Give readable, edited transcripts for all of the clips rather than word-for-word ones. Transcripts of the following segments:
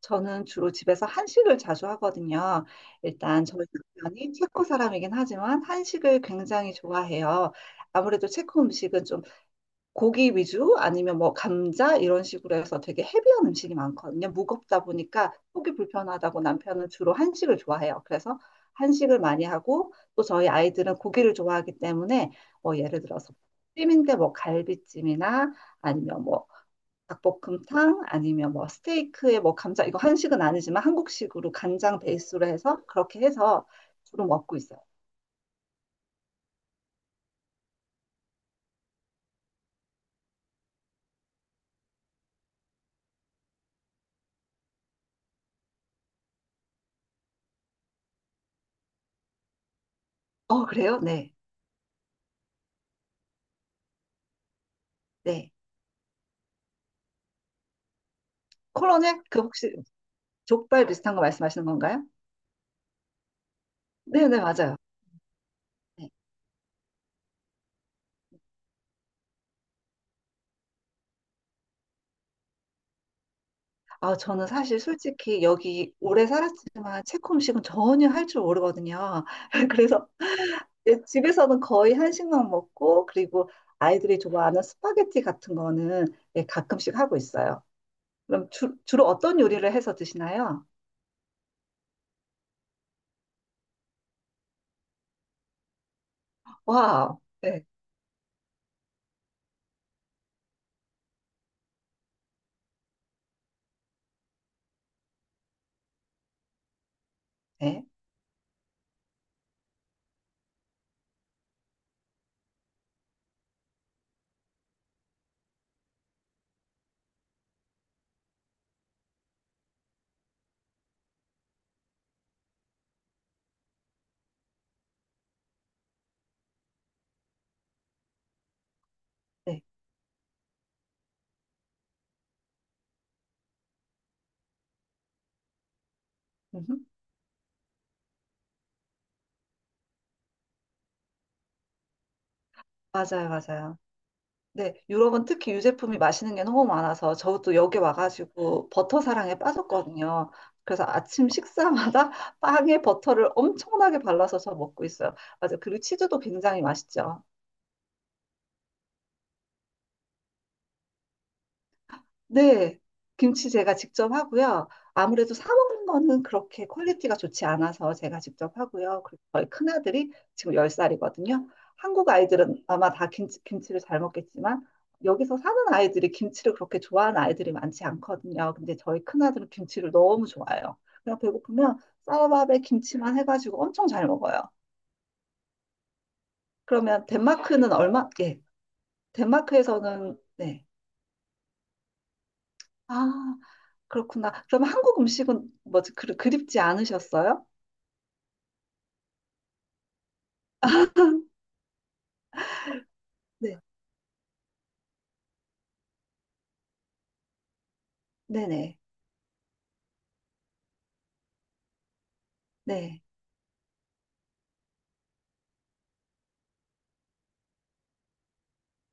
저는 주로 집에서 한식을 자주 하거든요. 일단 저희 남편이 체코 사람이긴 하지만 한식을 굉장히 좋아해요. 아무래도 체코 음식은 좀 고기 위주 아니면 뭐 감자 이런 식으로 해서 되게 헤비한 음식이 많거든요. 무겁다 보니까 속이 불편하다고 남편은 주로 한식을 좋아해요. 그래서 한식을 많이 하고 또 저희 아이들은 고기를 좋아하기 때문에 뭐 예를 들어서 찜인데 뭐 갈비찜이나 아니면 뭐 닭볶음탕 아니면 뭐 스테이크에 뭐 감자 이거 한식은 아니지만 한국식으로 간장 베이스로 해서 그렇게 해서 주로 먹고 있어요. 어, 그래요? 네. 네. 코로네? 그 혹시 족발 비슷한 거 말씀하시는 건가요? 네, 네, 맞아요. 네. 아, 저는 사실 솔직히 여기 오래 살았지만 체코 음식은 전혀 할 줄 모르거든요. 그래서 예, 집에서는 거의 한식만 먹고 그리고 아이들이 좋아하는 스파게티 같은 거는 예, 가끔씩 하고 있어요. 그럼 주로 어떤 요리를 해서 드시나요? 와우. 네, 네, 네. 음, 맞아요, 맞아요. 네, 유럽은 특히 유제품이 맛있는 게 너무 많아서 저도 여기 와가지고 버터 사랑에 빠졌거든요. 그래서 아침 식사마다 빵에 버터를 엄청나게 발라서 저 먹고 있어요. 맞아요. 그리고 치즈도 굉장히 맛있죠. 네, 김치 제가 직접 하고요. 아무래도 사 먹는 거는 그렇게 퀄리티가 좋지 않아서 제가 직접 하고요. 그리고 저희 큰아들이 지금 10살이거든요. 한국 아이들은 아마 다 김치를 잘 먹겠지만 여기서 사는 아이들이 김치를 그렇게 좋아하는 아이들이 많지 않거든요. 근데 저희 큰아들은 김치를 너무 좋아해요. 그냥 배고프면 쌀밥에 김치만 해가지고 엄청 잘 먹어요. 그러면 덴마크는 얼마? 예, 덴마크에서는 네. 아, 그렇구나. 그럼 한국 음식은 뭐지? 그, 그립지 않으셨어요? 네. 네네. 네.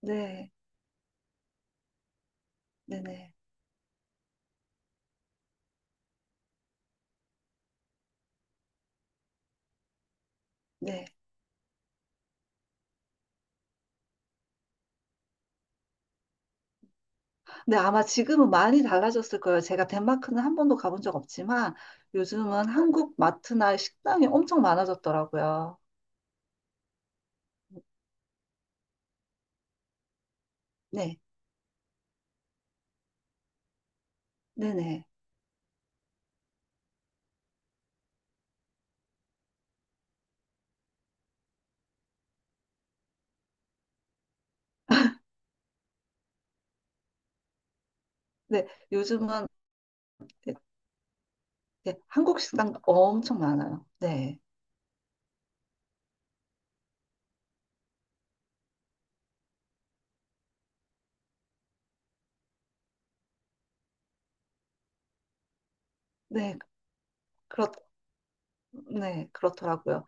네. 네네. 네. 네, 아마 지금은 많이 달라졌을 거예요. 제가 덴마크는 한 번도 가본 적 없지만 요즘은 한국 마트나 식당이 엄청 많아졌더라고요. 네. 네네. 네. 요즘은 네, 네. 한국 식당 엄청 많아요. 네. 네. 그렇, 네. 그렇더라고요.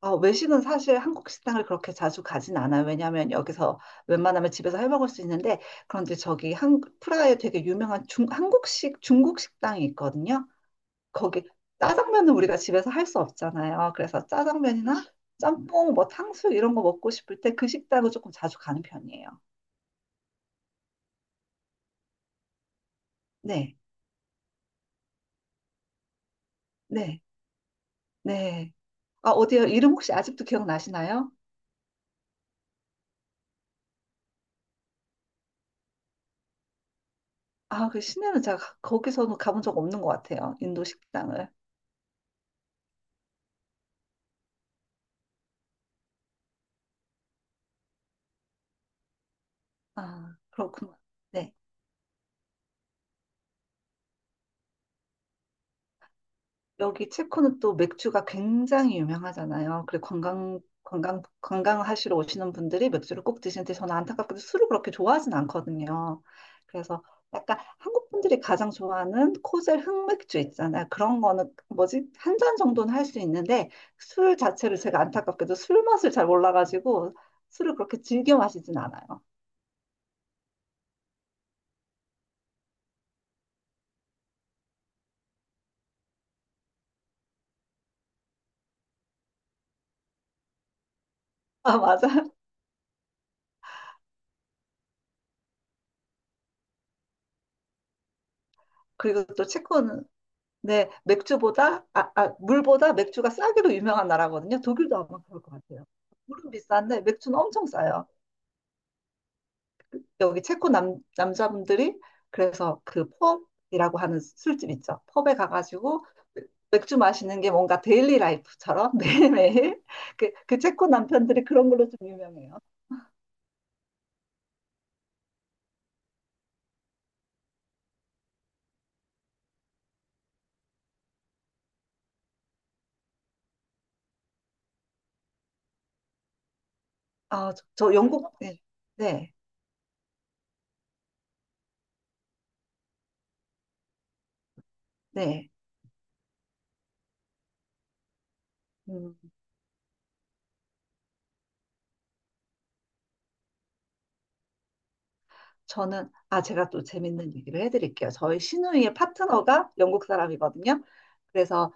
어, 외식은 사실 한국 식당을 그렇게 자주 가진 않아요. 왜냐하면 여기서 웬만하면 집에서 해 먹을 수 있는데 그런데 저기 한 프라하에 되게 유명한 한국식 중국 식당이 있거든요. 거기 짜장면은 우리가 집에서 할 수 없잖아요. 그래서 짜장면이나 짬뽕, 뭐 탕수 이런 거 먹고 싶을 때 그 식당을 조금 자주 가는 편이에요. 네, 네, 네. 아, 어디요? 이름 혹시 아직도 기억나시나요? 아, 그 시내는 제가 거기서는 가본 적 없는 것 같아요. 인도 식당을. 아, 그렇구나. 네. 여기 체코는 또 맥주가 굉장히 유명하잖아요. 그래 관광하시러 오시는 분들이 맥주를 꼭 드시는데 저는 안타깝게도 술을 그렇게 좋아하진 않거든요. 그래서 약간 한국 분들이 가장 좋아하는 코젤 흑맥주 있잖아요. 그런 거는 뭐지? 한 잔 정도는 할 수 있는데 술 자체를 제가 안타깝게도 술 맛을 잘 몰라가지고 술을 그렇게 즐겨 마시진 않아요. 아, 맞아. 그리고 또 체코는 네, 물보다 맥주가 싸기로 유명한 나라거든요. 독일도 아마 그럴 것 같아요. 물은 비싼데 맥주는 엄청 싸요. 여기 체코 남자분들이 그래서 그 펍이라고 하는 술집 있죠. 펍에 가가지고 맥주 마시는 게 뭔가 데일리 라이프처럼 매일매일 그 체코 남편들이 그런 걸로 좀 유명해요. 아, 저 영국, 네, 네, 네. 음, 저는, 아, 제가 또 재밌는 얘기를 해드릴게요. 저희 시누이의 파트너가 영국 사람이거든요. 그래서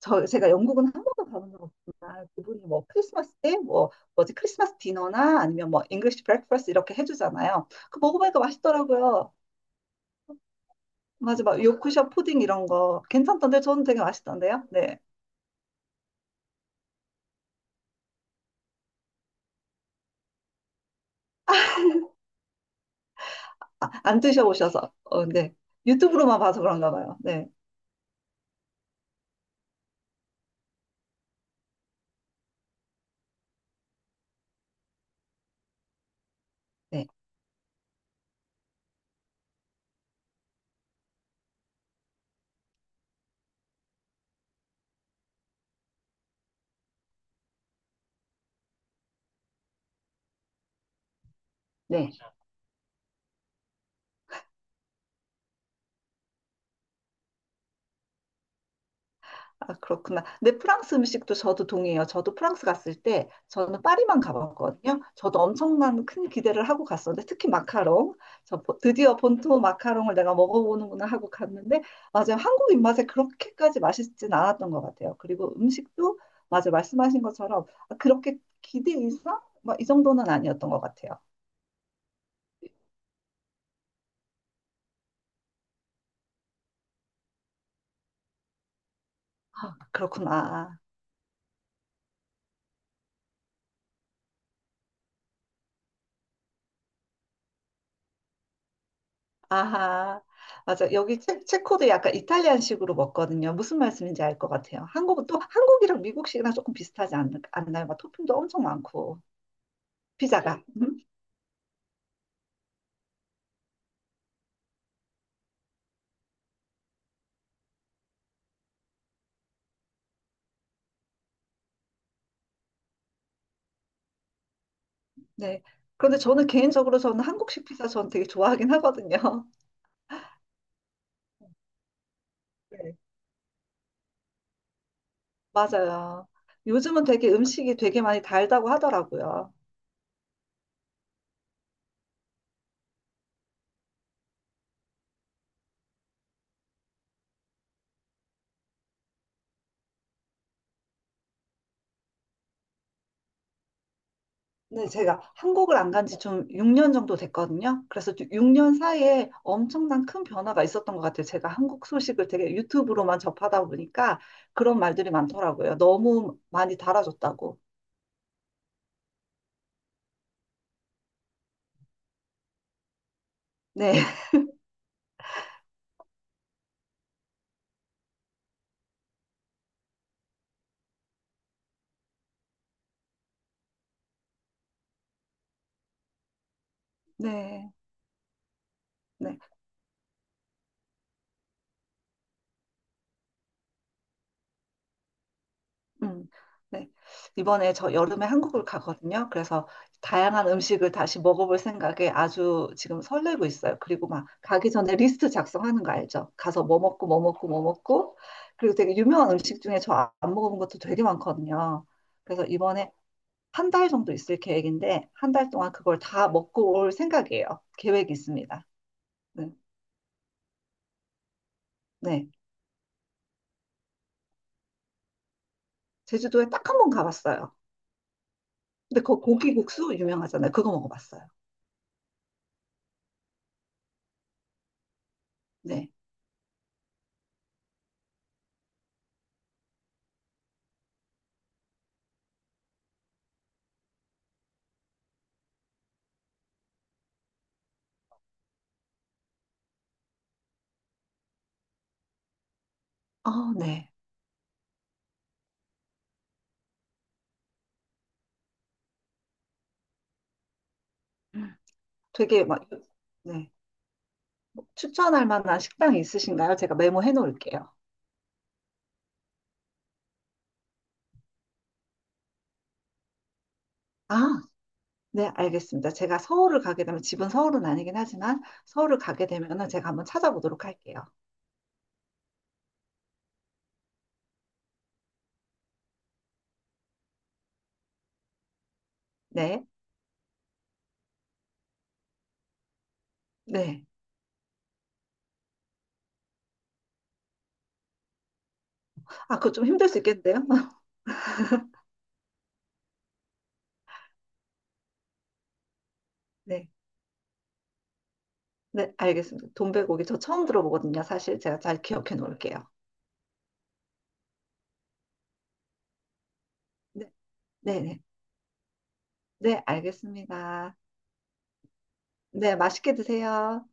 저 제가 영국은 한 번도 가본 적 없지만 그분이 뭐 크리스마스 때 뭐 뭐지 크리스마스 디너나 아니면 뭐 잉글리시 브렉퍼스트 이렇게 해주잖아요. 그 먹어보니까 맛있더라고요. 맞아, 막 요크셔 푸딩 이런 거 괜찮던데 저는 되게 맛있던데요. 네, 아, 안 드셔보셔서 어, 네 유튜브로만 봐서 그런가 봐요. 네, 네, 네. 아, 그렇구나. 근데 프랑스 음식도 저도 동의해요. 저도 프랑스 갔을 때 저는 파리만 가봤거든요. 저도 엄청난 큰 기대를 하고 갔었는데 특히 마카롱. 저 드디어 본토 마카롱을 내가 먹어보는구나 하고 갔는데 맞아요. 한국 입맛에 그렇게까지 맛있진 않았던 것 같아요. 그리고 음식도 맞아요. 말씀하신 것처럼 아, 그렇게 기대 이상? 막 이 정도는 아니었던 것 같아요. 아, 그렇구나. 아하. 맞아. 여기 체코도 약간 이탈리안식으로 먹거든요. 무슨 말씀인지 알 것 같아요. 한국은 또 한국이랑 미국식이랑 조금 비슷하지 않나요? 막 토핑도 엄청 많고. 피자가. 음? 네. 그런데 저는 개인적으로 저는 한국식 피자 저는 되게 좋아하긴 하거든요. 네. 맞아요. 요즘은 되게 음식이 되게 많이 달다고 하더라고요. 네, 제가 한국을 안 간지 좀 6년 정도 됐거든요. 그래서 6년 사이에 엄청난 큰 변화가 있었던 것 같아요. 제가 한국 소식을 되게 유튜브로만 접하다 보니까 그런 말들이 많더라고요. 너무 많이 달아졌다고. 네, 네, 네. 음, 네. 이번에 저 여름에 한국을 가거든요. 그래서 다양한 음식을 다시 먹어볼 생각에 아주 지금 설레고 있어요. 그리고 막 가기 전에 리스트 작성하는 거 알죠? 가서 뭐 먹고 뭐 먹고 뭐 먹고 그리고 되게 유명한 음식 중에 저 안 먹어본 것도 되게 많거든요. 그래서 이번에 한 달 정도 있을 계획인데 한 달 동안 그걸 다 먹고 올 생각이에요. 계획이 있습니다. 네. 네. 제주도에 딱 한 번 가봤어요. 근데 그 고기국수 유명하잖아요. 그거 먹어봤어요. 네. 아, 네. 되게 막, 네. 뭐 추천할 만한 식당이 있으신가요? 제가 메모해 놓을게요. 아, 네, 알겠습니다. 제가 서울을 가게 되면, 집은 서울은 아니긴 하지만, 서울을 가게 되면은 제가 한번 찾아보도록 할게요. 네, 네. 아, 그거 좀 힘들 수 있겠는데요? 네, 네, 알겠습니다. 돈베고기 저 처음 들어보거든요. 사실 제가 잘 기억해 놓을게요. 네, 네, 네. 네, 알겠습니다. 네, 맛있게 드세요.